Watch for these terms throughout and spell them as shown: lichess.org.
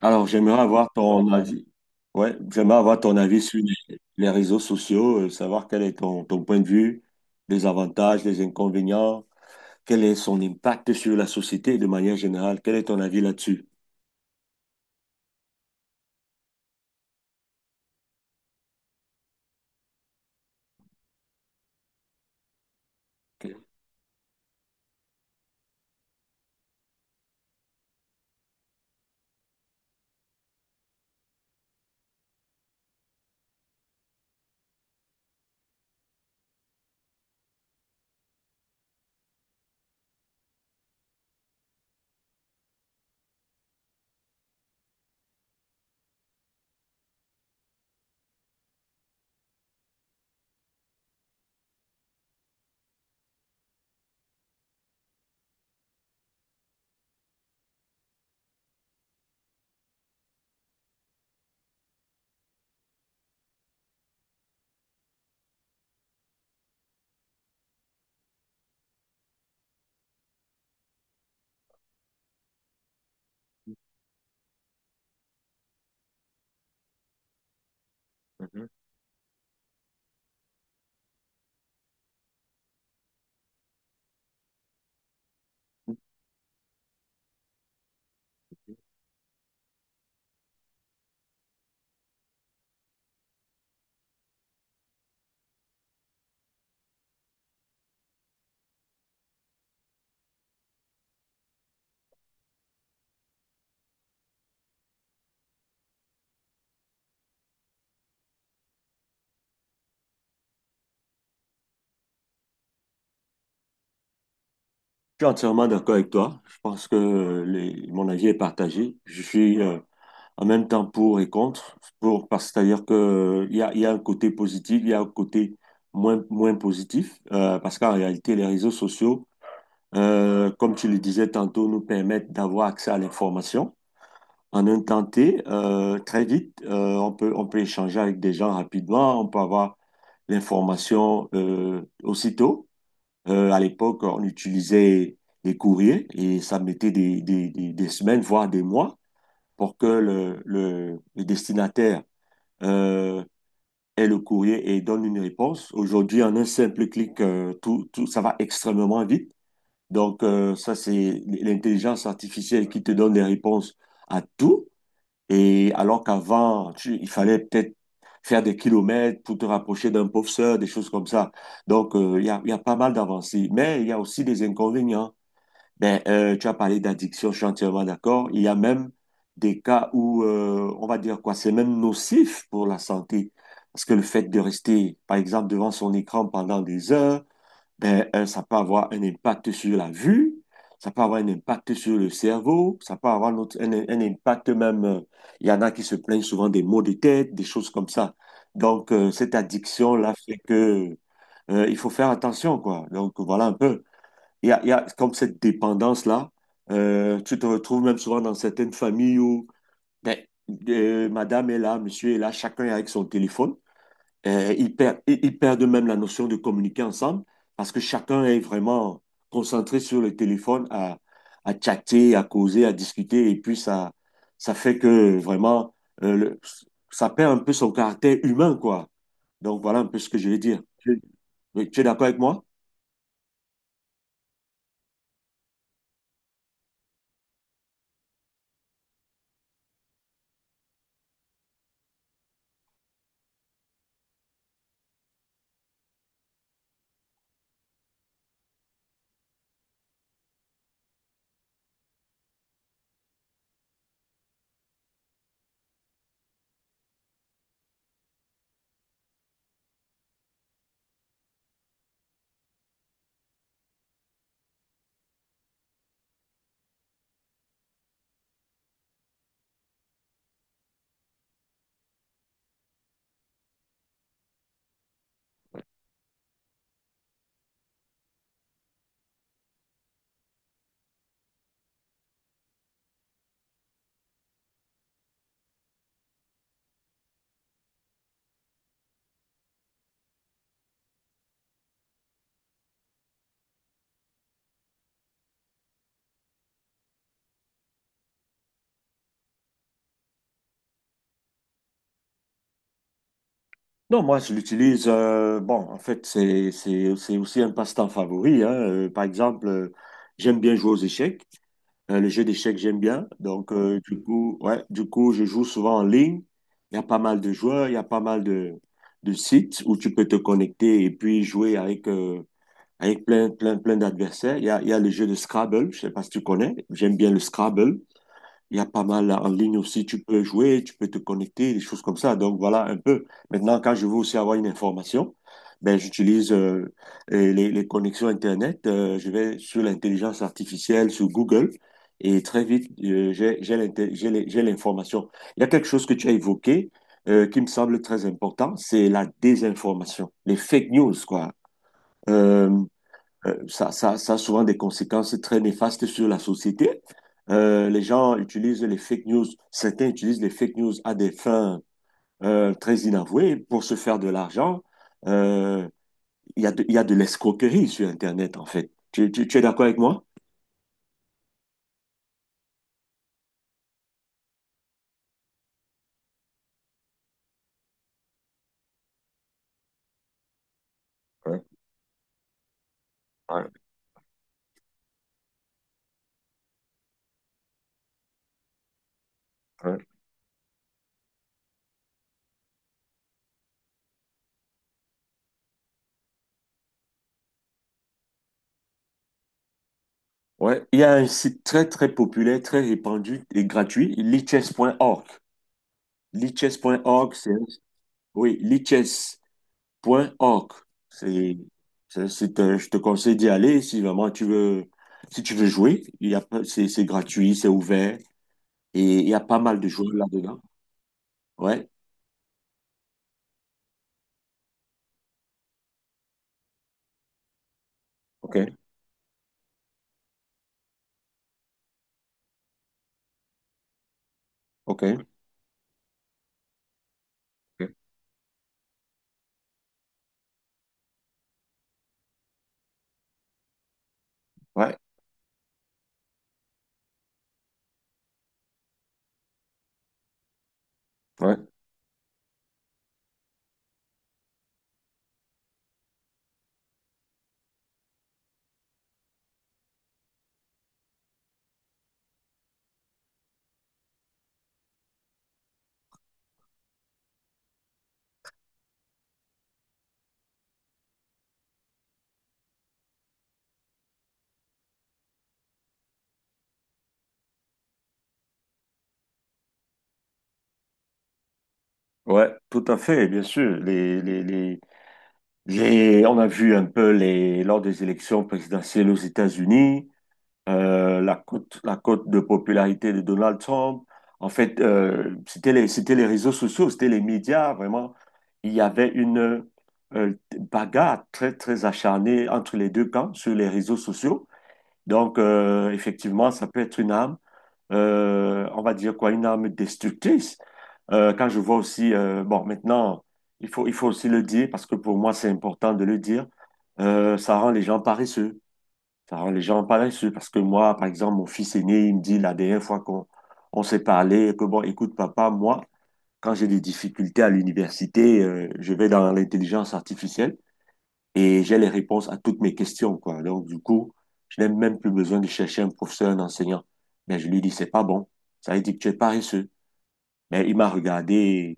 Alors, j'aimerais avoir ton avis. Ouais, j'aimerais avoir ton avis sur les réseaux sociaux, savoir quel est ton point de vue, les avantages, les inconvénients, quel est son impact sur la société de manière générale. Quel est ton avis là-dessus? Ok. Mhm. Je suis entièrement d'accord avec toi. Je pense que mon avis est partagé. Je suis en même temps pour et contre, pour, parce que c'est-à-dire que il y a un côté positif, il y a un côté moins positif, parce qu'en réalité, les réseaux sociaux comme tu le disais tantôt, nous permettent d'avoir accès à l'information. En un temps T, très vite, on peut échanger avec des gens rapidement, on peut avoir l'information aussitôt. À l'époque, on utilisait les courriers et ça mettait des semaines, voire des mois, pour que le destinataire euh, ait le courrier et donne une réponse. Aujourd'hui, en un simple clic, tout, ça va extrêmement vite. Donc, ça, c'est l'intelligence artificielle qui te donne des réponses à tout. Et alors qu'avant, il fallait peut-être faire des kilomètres pour te rapprocher d'un pauvre sœur, des choses comme ça. Donc, il y a pas mal d'avancées. Mais il y a aussi des inconvénients. Ben, tu as parlé d'addiction, je suis entièrement d'accord. Il y a même des cas où, on va dire quoi, c'est même nocif pour la santé. Parce que le fait de rester, par exemple, devant son écran pendant des heures, ben, ça peut avoir un impact sur la vue, ça peut avoir un impact sur le cerveau, ça peut avoir notre un impact même, il y en a qui se plaignent souvent des maux de tête, des choses comme ça. Donc, cette addiction-là fait que il faut faire attention, quoi. Donc, voilà un peu. Il y a comme cette dépendance-là. Tu te retrouves même souvent dans certaines familles où ben, madame est là, monsieur est là, chacun est avec son téléphone. Ils perdent même la notion de communiquer ensemble parce que chacun est vraiment concentré sur le téléphone à chatter, à causer, à discuter. Et puis, ça fait que vraiment, euh, le- ça perd un peu son caractère humain, quoi. Donc, voilà un peu ce que je vais dire. Oui, tu es d'accord avec moi? Non, moi, je l'utilise. Bon, en fait, c'est aussi un passe-temps favori. Hein. Par exemple, j'aime bien jouer aux échecs. Les jeux d'échecs, j'aime bien. Donc, du coup, je joue souvent en ligne. Il y a pas mal de joueurs, il y a pas mal de sites où tu peux te connecter et puis jouer avec, avec plein d'adversaires. Il y a le jeu de Scrabble, je sais pas si tu connais. J'aime bien le Scrabble. Il y a pas mal en ligne aussi, tu peux jouer, tu peux te connecter, des choses comme ça. Donc voilà un peu. Maintenant, quand je veux aussi avoir une information, ben, j'utilise les connexions Internet. Je vais sur l'intelligence artificielle, sur Google, et très vite, j'ai l'information. Il y a quelque chose que tu as évoqué qui me semble très important, c'est la désinformation, les fake news, quoi. Euh, ça a souvent des conséquences très néfastes sur la société. Les gens utilisent les fake news, certains utilisent les fake news à des fins très inavouées pour se faire de l'argent. Euh, Il y a de, il y a de l'escroquerie sur Internet, en fait. Tu es d'accord avec moi? Ouais, ouais, ouais. Ouais, il y a un site très très populaire, très répandu et gratuit, lichess.org. Lichess.org, c'est oui, lichess.org. C'est, je te conseille d'y aller si vraiment tu veux, si tu veux jouer. Il y a, pas- C'est gratuit, c'est ouvert et il y a pas mal de joueurs là-dedans. Ouais. Ok. Ok. Ok. Ouais. Ouais. Ouais. Tout à fait. Bien sûr. On a vu un peu les, lors des élections présidentielles aux États-Unis. La cote de popularité de Donald Trump. En fait, c'était les réseaux sociaux, c'était les médias, vraiment. Il y avait une euh, bagarre très acharnée entre les deux camps sur les réseaux sociaux. Donc, effectivement, ça peut être une arme, on va dire quoi, une arme destructrice. Quand je vois aussi, bon, maintenant, il faut aussi le dire, parce que pour moi, c'est important de le dire, ça rend les gens paresseux. Ça les gens pas là-dessus parce que moi, par exemple, mon fils aîné, il me dit la dernière fois qu'on on s'est parlé, que bon, écoute, papa, moi, quand j'ai des difficultés à l'université, je vais dans l'intelligence artificielle et j'ai les réponses à toutes mes questions, quoi. Donc, du coup, je n'ai même plus besoin de chercher un professeur, un enseignant. Mais je lui dis, c'est pas bon. Ça veut dire que tu es paresseux. Mais il m'a regardé,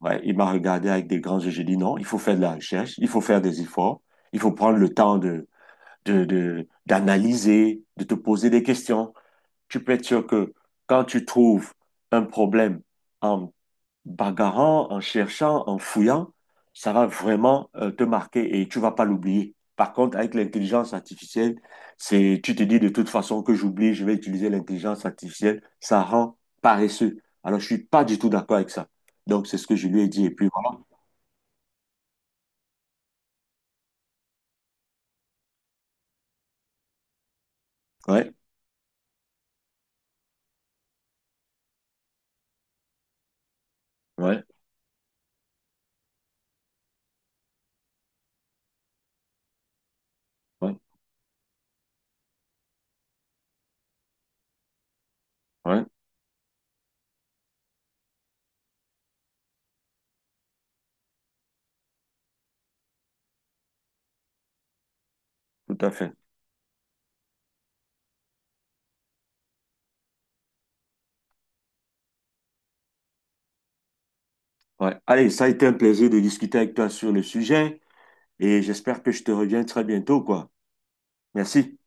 ouais, il m'a regardé avec des grands yeux. J'ai dit, non, il faut faire de la recherche, il faut faire des efforts, il faut prendre le temps d'analyser, de te poser des questions. Tu peux être sûr que quand tu trouves un problème en bagarrant, en cherchant, en fouillant, ça va vraiment te marquer et tu vas pas l'oublier. Par contre, avec l'intelligence artificielle, c'est, tu te dis de toute façon que j'oublie, je vais utiliser l'intelligence artificielle, ça rend paresseux. Alors, je suis pas du tout d'accord avec ça. Donc, c'est ce que je lui ai dit. Et puis, voilà. Ouais, ouais, ouais, ouais, tout à fait. Ouais. Allez, ça a été un plaisir de discuter avec toi sur le sujet et j'espère que je te reviens très bientôt, quoi. Merci.